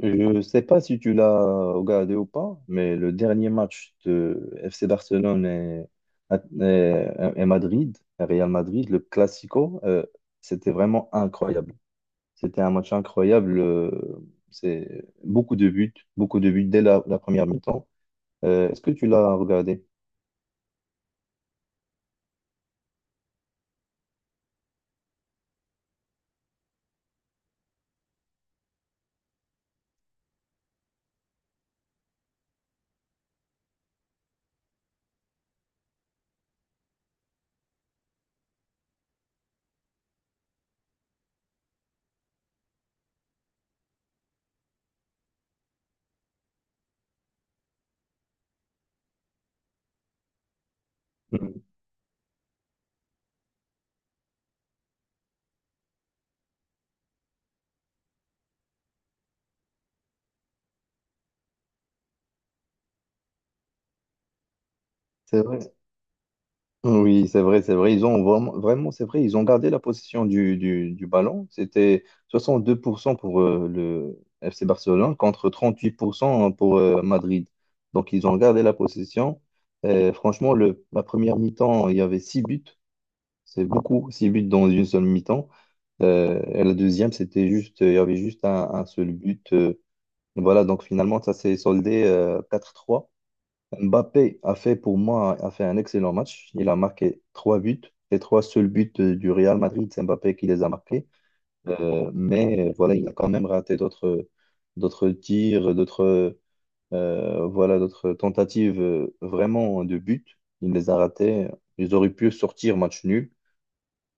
Je ne sais pas si tu l'as regardé ou pas, mais le dernier match de FC Barcelone et- et Madrid, et Real Madrid, le Classico, c'était vraiment incroyable. C'était un match incroyable. C'est beaucoup de buts dès la première mi-temps. Est-ce que tu l'as regardé? Mhm. C'est vrai. Oui, c'est vrai, c'est vrai. Ils ont vraiment, vraiment, c'est vrai, ils ont gardé la possession du ballon. C'était 62% pour cent pour le FC Barcelone contre 38% pour cent pour Madrid. Donc, ils ont gardé la possession. Et franchement, la première mi-temps, il y avait 6 buts. C'est beaucoup, 6 buts dans une seule mi-temps. Et la deuxième, c'était juste, il y avait juste un seul but. Voilà, donc finalement, ça s'est soldé 4-3. Mbappé a fait pour moi a fait un excellent match. Il a marqué trois buts. Les trois seuls buts du Real Madrid, c'est Mbappé qui les a marqués. Mais voilà, il a quand même raté d'autres tirs, d'autres voilà, d'autres tentatives vraiment de but. Il les a ratés. Ils auraient pu sortir match nul.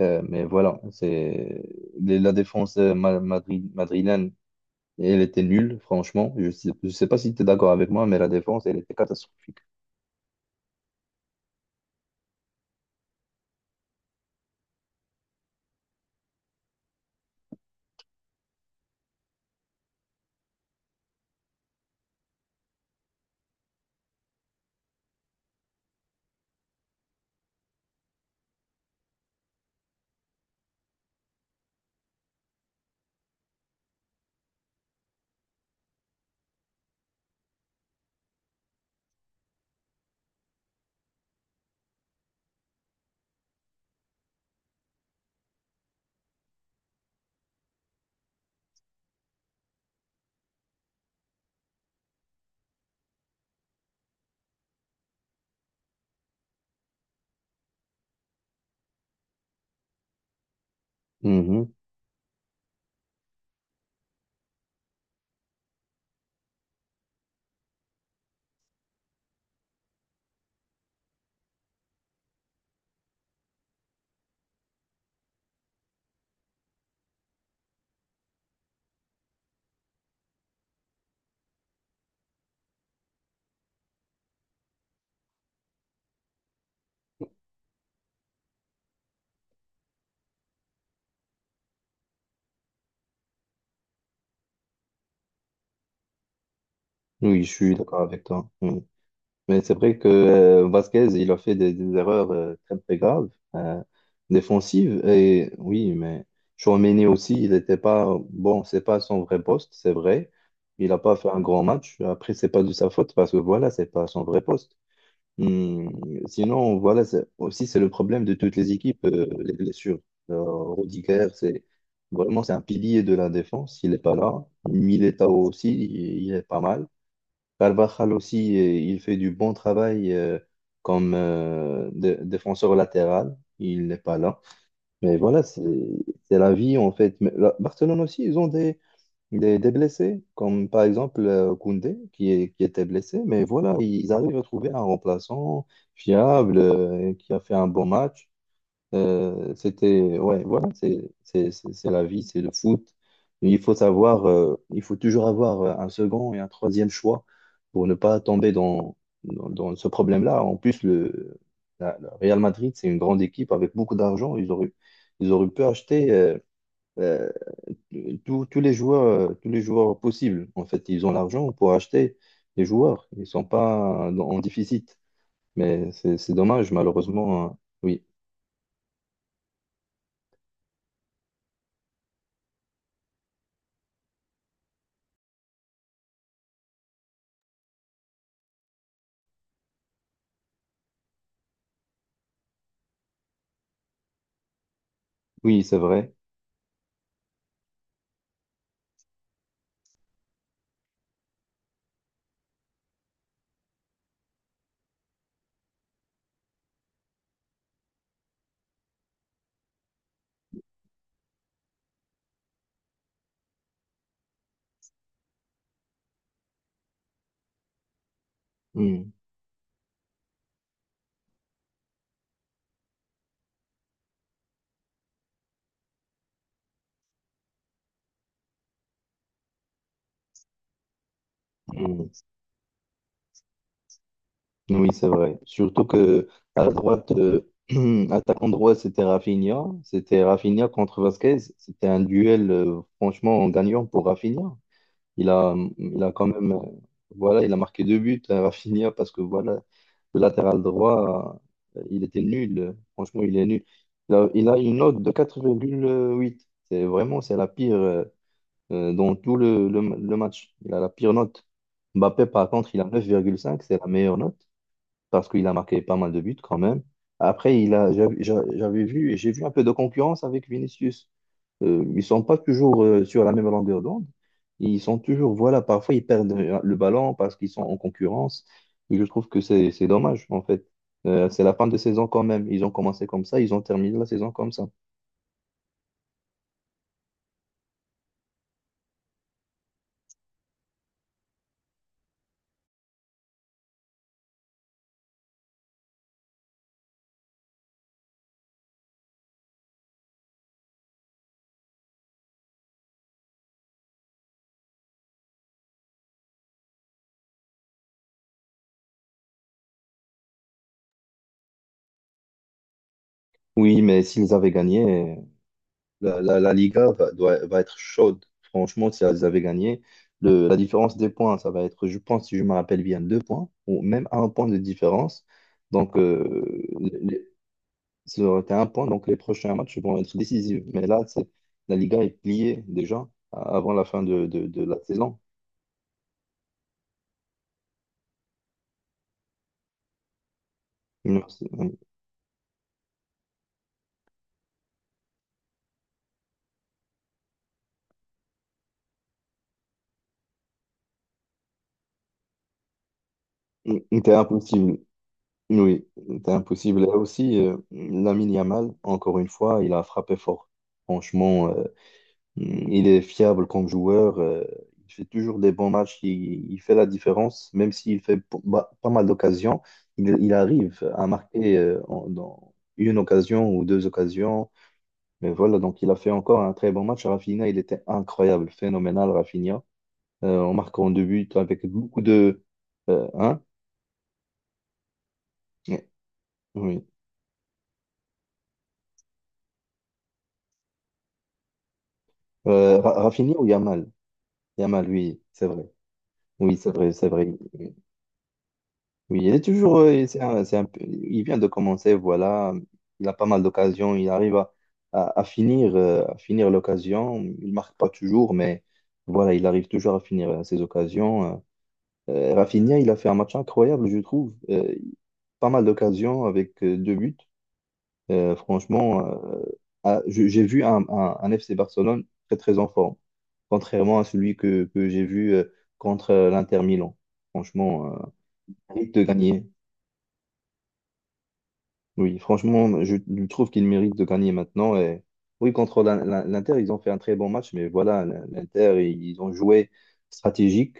Mais voilà, c'est la défense madrid, madrilène, elle était nulle, franchement. Je sais pas si tu es d'accord avec moi, mais la défense, elle était catastrophique. Mhm. Oui, je suis d'accord avec toi. Mm. Mais c'est vrai que Vasquez, il a fait des erreurs très, très graves, euh, défensives. Et oui, mais Tchouaméni aussi, il n'était pas... Bon, c'est pas son vrai poste, c'est vrai. Il n'a pas fait un grand match. Après, c'est pas de sa faute parce que voilà, c'est pas son vrai poste. Mm. Sinon, voilà, aussi, c'est le problème de toutes les équipes, les blessures. Euh, Rudiger, c'est... Vraiment, c'est un pilier de la défense. Il n'est pas là. Militao aussi, il est pas mal. Carvajal aussi, il fait du bon travail comme défenseur latéral. Il n'est pas là. Mais voilà, c'est la vie en fait. Mais Barcelone aussi, ils ont des blessés, comme par exemple Koundé qui, est, qui était blessé. Mais voilà, ils arrivent à trouver un remplaçant fiable qui a fait un bon match. C'était, ouais, voilà, c'est la vie, c'est le foot. Il faut savoir, il faut toujours avoir un second et un troisième choix pour ne pas tomber dans, dans ce problème-là. En plus, le Real Madrid, c'est une grande équipe avec beaucoup d'argent. Ils auraient pu acheter euh, tous tous les joueurs, tous les joueurs possibles. En fait, ils ont l'argent pour acheter les joueurs. Ils ne sont pas en déficit. Mais c'est dommage, malheureusement, hein. Oui, oui, c'est vrai. Hmm. Mm. Oui, c'est vrai. Surtout que à droite, attaquant droit, c'était Rafinha. C'était Rafinha contre Vasquez. C'était un duel, franchement, en gagnant pour Rafinha. Il a quand même, voilà, il a marqué deux buts à Rafinha parce que voilà, le latéral droit, il était nul. Franchement, il est nul. Il a une note de 4,8. C'est vraiment, c'est la pire, dans tout le match. Il a la pire note. Mbappé, par contre, il a 9,5, c'est la meilleure note, parce qu'il a marqué pas mal de buts quand même. Après, il a, j'av- j'a- j'avais vu, j'ai vu un peu de concurrence avec Vinicius. Ils sont pas toujours sur la même longueur d'onde. Ils sont toujours, voilà, parfois ils perdent le ballon parce qu'ils sont en concurrence. Et je trouve que c'est dommage, en fait. C'est la fin de saison quand même. Ils ont commencé comme ça, ils ont terminé la saison comme ça. Oui, mais s'ils avaient gagné, la Liga va, va être chaude. Franchement, si elles avaient gagné, la différence des points, ça va être, je pense, si je me rappelle bien, deux points ou même un point de différence. Donc, ça aurait été un point. Donc, les prochains matchs vont être décisifs. Mais là, c'est- la Liga est pliée déjà avant la fin de la saison. Non, c'est- oui. C'était impossible. Oui, c'était impossible. Et aussi, Lamine Yamal, encore une fois, il a frappé fort. Franchement, il est fiable comme joueur. Il fait toujours des bons matchs. Il fait la différence. Même s'il fait pas mal d'occasions, il arrive à marquer dans une occasion ou deux occasions. Mais voilà, donc il a fait encore un très bon match. Rafinha, il était incroyable, phénoménal, Rafinha. En marquant deux buts avec beaucoup de... hein? Oui. Rafinha ou Yamal? Yamal, oui, c'est vrai. Oui, c'est vrai, c'est vrai. Oui, il est toujours, il vient de commencer, voilà, il a pas mal d'occasions, il arrive à, à finir l'occasion, il marque pas toujours, mais voilà, il arrive toujours à finir ses occasions. Rafinha, il a fait un match incroyable, je trouve. Pas mal d'occasions avec deux buts. Franchement, ah, j'ai vu un FC Barcelone très très en forme, contrairement à celui que j'ai vu contre l'Inter Milan. Franchement, mérite de gagner. Oui, franchement, je trouve qu'il mérite de gagner maintenant. Et... Oui, contre l'Inter, ils ont fait un très bon match, mais voilà, l'Inter, ils ont joué stratégique,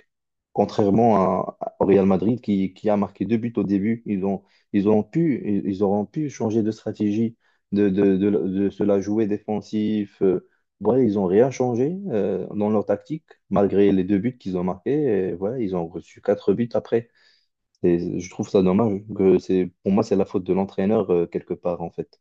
contrairement à, au Real Madrid qui a marqué deux buts au début. Ils ont pu, ils auront pu changer de stratégie, de se la jouer défensif. Voilà, ils n'ont rien changé dans leur tactique, malgré les deux buts qu'ils ont marqués. Et voilà, ils ont reçu quatre buts après. Et je trouve ça dommage que c'est, pour moi, c'est la faute de l'entraîneur quelque part, en fait.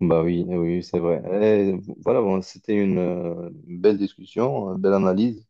Bah oui, oui, c'est vrai. Et voilà, bon, c'était une belle discussion, une belle analyse.